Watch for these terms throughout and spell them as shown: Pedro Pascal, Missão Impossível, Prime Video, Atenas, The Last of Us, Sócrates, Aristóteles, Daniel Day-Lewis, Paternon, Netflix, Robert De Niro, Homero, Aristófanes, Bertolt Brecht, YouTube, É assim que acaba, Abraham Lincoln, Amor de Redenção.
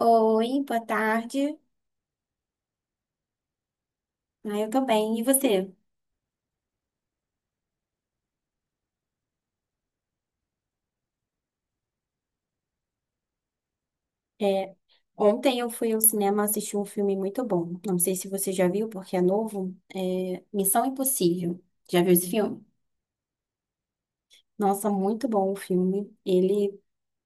Oi, boa tarde. Eu tô bem. E você? É, Ontem eu fui ao cinema assistir um filme muito bom. Não sei se você já viu, porque é novo. É Missão Impossível. Já viu esse filme? Nossa, muito bom o filme. Ele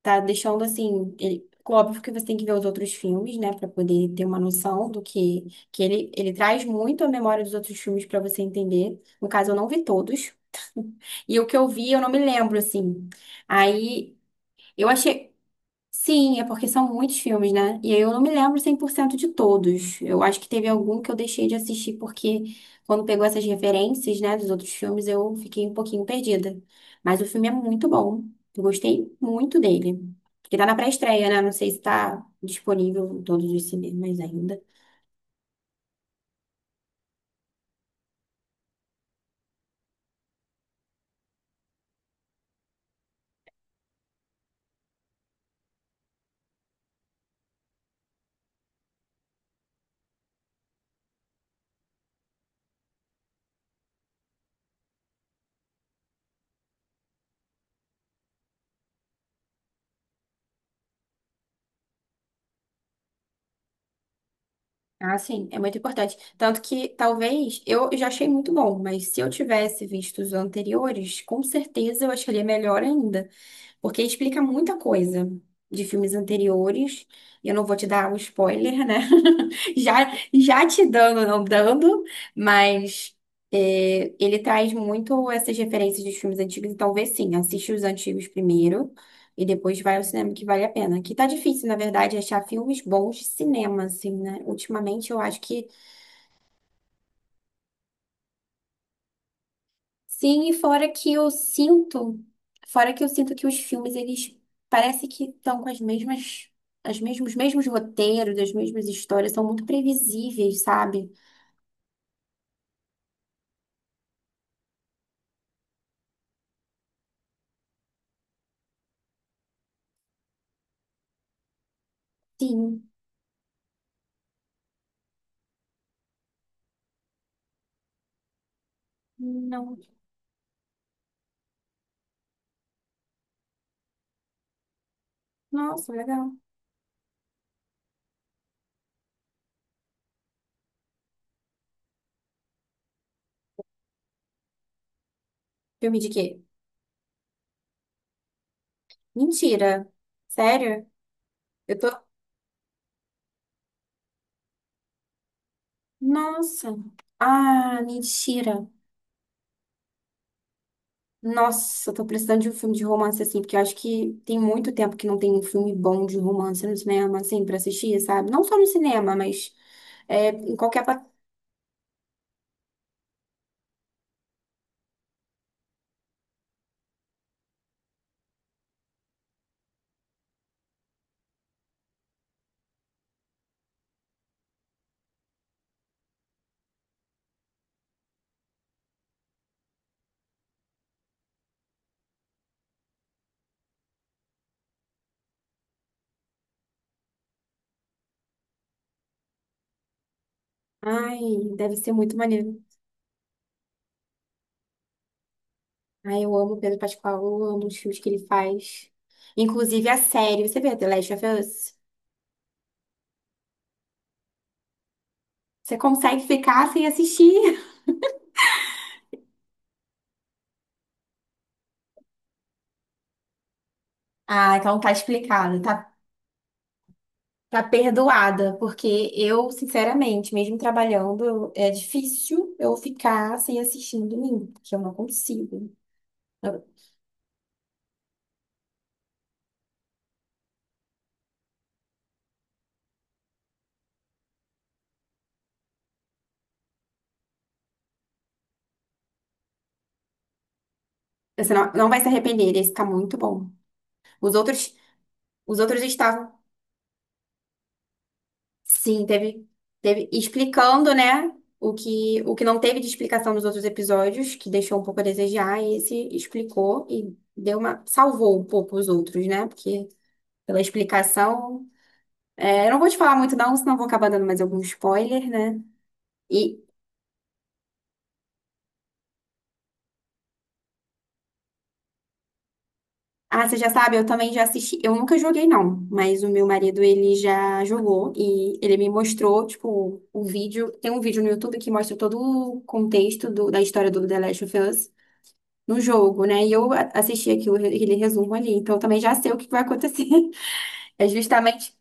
tá deixando assim. Óbvio que você tem que ver os outros filmes, né, pra poder ter uma noção do que que ele traz muito a memória dos outros filmes pra você entender. No caso, eu não vi todos. E o que eu vi, eu não me lembro assim. Aí eu achei Sim, é porque são muitos filmes, né? E aí eu não me lembro 100% de todos. Eu acho que teve algum que eu deixei de assistir porque quando pegou essas referências, né, dos outros filmes, eu fiquei um pouquinho perdida. Mas o filme é muito bom. Eu gostei muito dele. Porque tá na pré-estreia, né? Não sei se tá disponível em todos os cinemas ainda. Ah, sim, é muito importante. Tanto que talvez eu já achei muito bom, mas se eu tivesse visto os anteriores, com certeza eu acharia melhor ainda, porque explica muita coisa de filmes anteriores. E eu não vou te dar o spoiler, né? Já, já te dando, não dando, mas é, ele traz muito essas referências dos filmes antigos. Então, vê sim, assiste os antigos primeiro e depois vai ao cinema que vale a pena. Que tá difícil, na verdade, achar filmes bons de cinema, assim, né? Ultimamente eu acho que Sim, e fora que eu sinto que os filmes, eles parece que estão com as mesmas, as mesmos, os mesmos roteiros, as mesmas histórias, são muito previsíveis, sabe? Sim, não. Nossa, legal. Filme de quê? Mentira. Sério? Eu tô. Nossa. Ah, mentira. Nossa, eu tô precisando de um filme de romance, assim, porque eu acho que tem muito tempo que não tem um filme bom de romance no cinema, assim, pra assistir, sabe? Não só no cinema, mas é, em qualquer... pla- Ai, deve ser muito maneiro. Ai, eu amo o Pedro Pascal, eu amo os filmes que ele faz. Inclusive a série, você vê The Last of Us? Você consegue ficar sem assistir? Ah, então tá explicado, tá. Tá perdoada, porque eu, sinceramente, mesmo trabalhando, eu- é difícil eu ficar sem assistir no domingo, porque eu não consigo. Eu- Você não vai se arrepender, esse tá muito bom. Os outros, os outros estavam, sim, teve explicando, né, o que não teve de explicação nos outros episódios, que deixou um pouco a desejar, e esse explicou e deu uma, salvou um pouco os outros, né, porque pela explicação, é, eu não vou te falar muito não, senão eu vou acabar dando mais algum spoiler, né, e Ah, você já sabe, eu também já assisti. Eu nunca joguei, não, mas o meu marido, ele já jogou e ele me mostrou, tipo, o vídeo. Tem um vídeo no YouTube que mostra todo o contexto do- da história do The Last of Us no jogo, né? E eu a- assisti aquilo, aquele resumo ali, então eu também já sei o que vai acontecer. É justamente.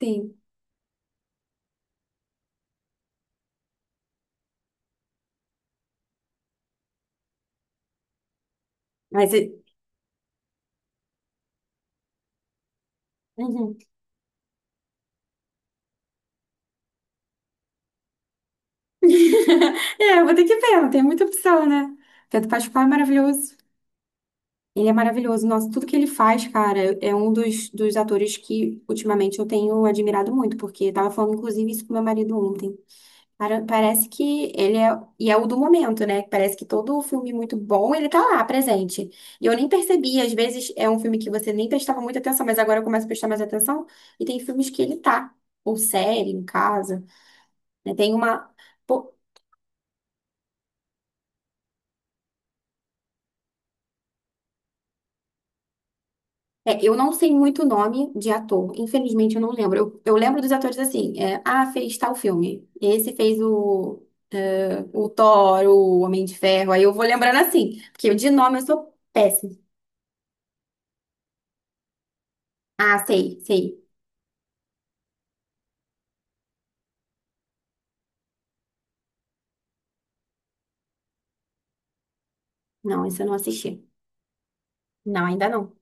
Sim, mas. É- Uhum. É, eu vou ter que ver, não tem muita opção, né? Pedro Pascal é maravilhoso. Ele é maravilhoso. Nossa, tudo que ele faz, cara, é um dos atores que ultimamente eu tenho admirado muito, porque eu tava falando, inclusive, isso com meu marido ontem. Cara, parece que ele é, e é o do momento, né? Parece que todo filme muito bom, ele tá lá, presente. E eu nem percebi, às vezes é um filme que você nem prestava muita atenção, mas agora eu começo a prestar mais atenção, e tem filmes que ele tá, ou série, em casa, né? Tem uma. É, eu não sei muito nome de ator, infelizmente eu não lembro. Eu lembro dos atores assim, é, ah, fez tal filme. Esse fez o Thor, o Homem de Ferro. Aí eu vou lembrando assim, porque de nome eu sou péssima. Ah, sei, sei. Não, esse eu não assisti. Não, ainda não.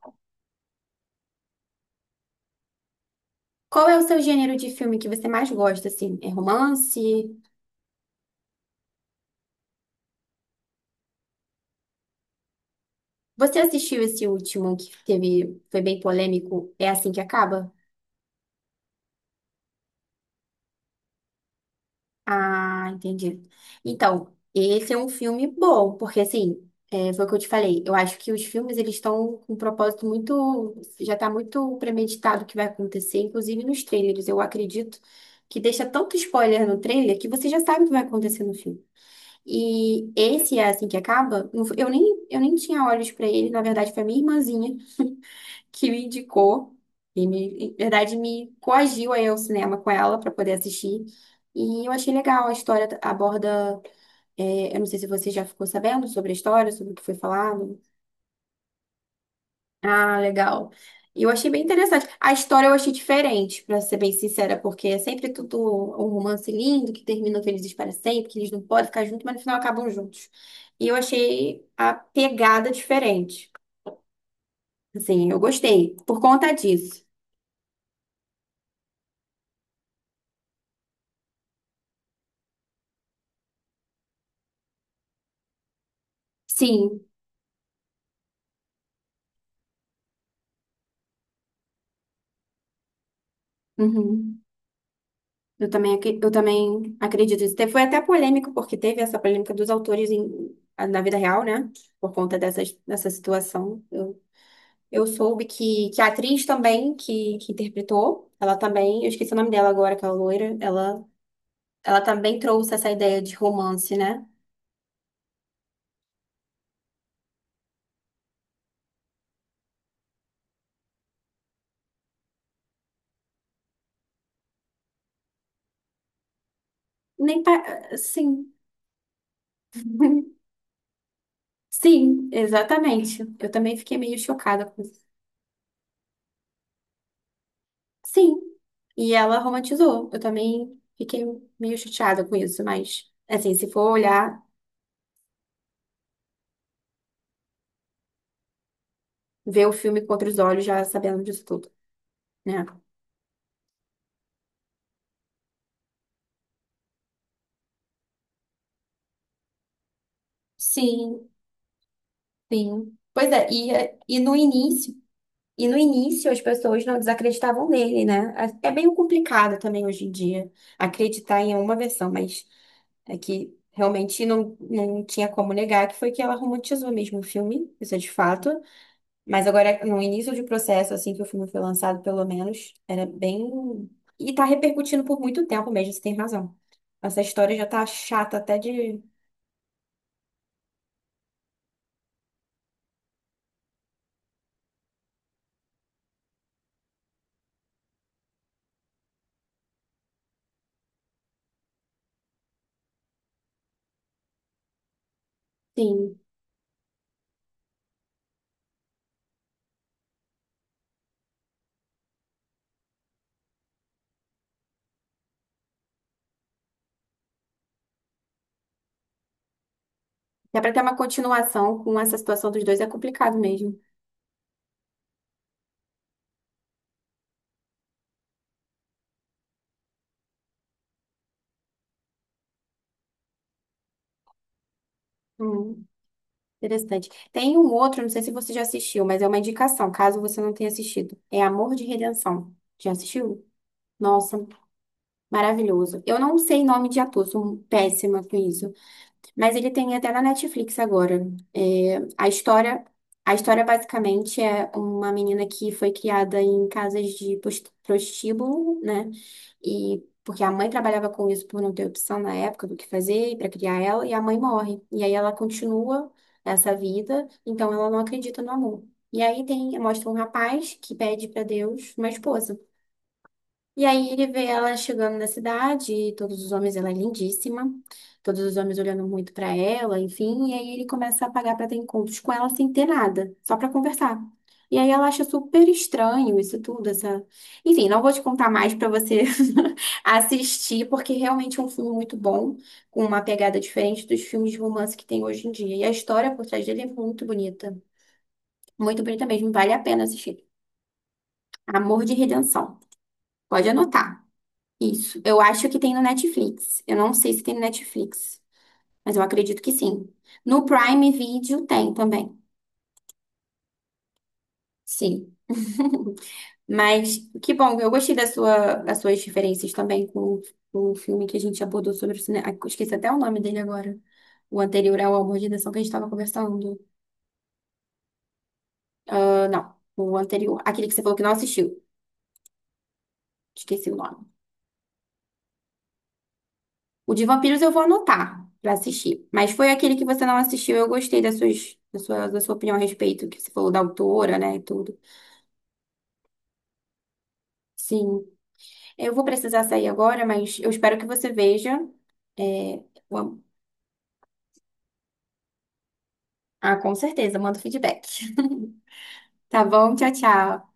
Qual é o seu gênero de filme que você mais gosta, assim? É romance? Você assistiu esse último que teve, foi bem polêmico? É assim que acaba? Ah, entendi. Então, esse é um filme bom, porque assim, é, foi o que eu te falei. Eu acho que os filmes eles estão com um propósito muito, já tá muito premeditado o que vai acontecer, inclusive nos trailers. Eu acredito que deixa tanto spoiler no trailer que você já sabe o que vai acontecer no filme. E esse é assim que acaba. Não foi- eu nem tinha olhos pra ele, na verdade foi a minha irmãzinha que me indicou e me, em verdade, me coagiu a ir ao cinema com ela para poder assistir. E eu achei legal, a história aborda, é, eu não sei se você já ficou sabendo sobre a história, sobre o que foi falado. Ah, legal. E eu achei bem interessante. A história eu achei diferente, para ser bem sincera, porque é sempre tudo um romance lindo que termina felizes para sempre, que eles não podem ficar juntos, mas no final acabam juntos. E eu achei a pegada diferente. Assim, eu gostei por conta disso. Sim. Uhum. Eu também acredito nisso. Te- Foi até polêmico, porque teve essa polêmica dos autores em- na vida real, né? Por conta dessa situação. Eu soube que a atriz também, que interpretou, ela também, eu esqueci o nome dela agora, aquela loira, ela também trouxe essa ideia de romance, né? Nem pa... Sim. Sim, exatamente. Eu também fiquei meio chocada com isso. Sim. E ela romantizou. Eu também fiquei meio chateada com isso, mas assim, se for olhar, ver o filme com outros olhos, já sabendo disso tudo, né? Sim, sim. Pois é, e, é- e no início, e no início, as pessoas não desacreditavam nele, né? É é meio complicado também hoje em dia acreditar em uma versão, mas é que realmente não tinha como negar que foi que ela romantizou mesmo o filme, isso é de fato. Mas agora, no início do processo, assim que o filme foi lançado, pelo menos, era bem. E tá repercutindo por muito tempo mesmo, você tem razão. Essa história já tá chata até de Sim. Dá para ter uma continuação com essa situação dos dois, é complicado mesmo. Hum, interessante. Tem um outro, não sei se você já assistiu, mas é uma indicação, caso você não tenha assistido. É Amor de Redenção. Já assistiu? Nossa, maravilhoso. Eu não sei nome de ator, sou péssima com isso. Mas ele tem até na Netflix agora. É, a história, a história basicamente é uma menina que foi criada em casas de pos- prostíbulo, né? E porque a mãe trabalhava com isso por não ter opção na época do que fazer para criar ela, e a mãe morre. E aí ela continua essa vida, então ela não acredita no amor. E aí tem, mostra um rapaz que pede para Deus uma esposa. E aí ele vê ela chegando na cidade, e todos os homens, ela é lindíssima, todos os homens olhando muito pra ela, enfim, e aí ele começa a pagar pra ter encontros com ela sem ter nada, só pra conversar. E aí ela acha super estranho isso tudo, essa... Enfim, não vou te contar mais pra você assistir, porque realmente é um filme muito bom, com uma pegada diferente dos filmes de romance que tem hoje em dia. E a história por trás dele é muito bonita mesmo, vale a pena assistir. Amor de Redenção. Pode anotar. Isso. Eu acho que tem no Netflix. Eu não sei se tem no Netflix, mas eu acredito que sim. No Prime Video tem também. Sim. Mas que bom, eu gostei da sua, das suas diferenças também com o filme que a gente abordou sobre o cinema. Esqueci até o nome dele agora. O anterior ao Amor de Deção que a gente estava conversando. Ah, não, o anterior. Aquele que você falou que não assistiu. Esqueci o nome. O de vampiros eu vou anotar pra assistir. Mas foi aquele que você não assistiu, eu gostei da sua opinião a respeito, que você falou da autora, né, e tudo. Sim. Eu vou precisar sair agora, mas eu espero que você veja. É, o am- Ah, com certeza, manda o feedback. Tá bom? Tchau, tchau.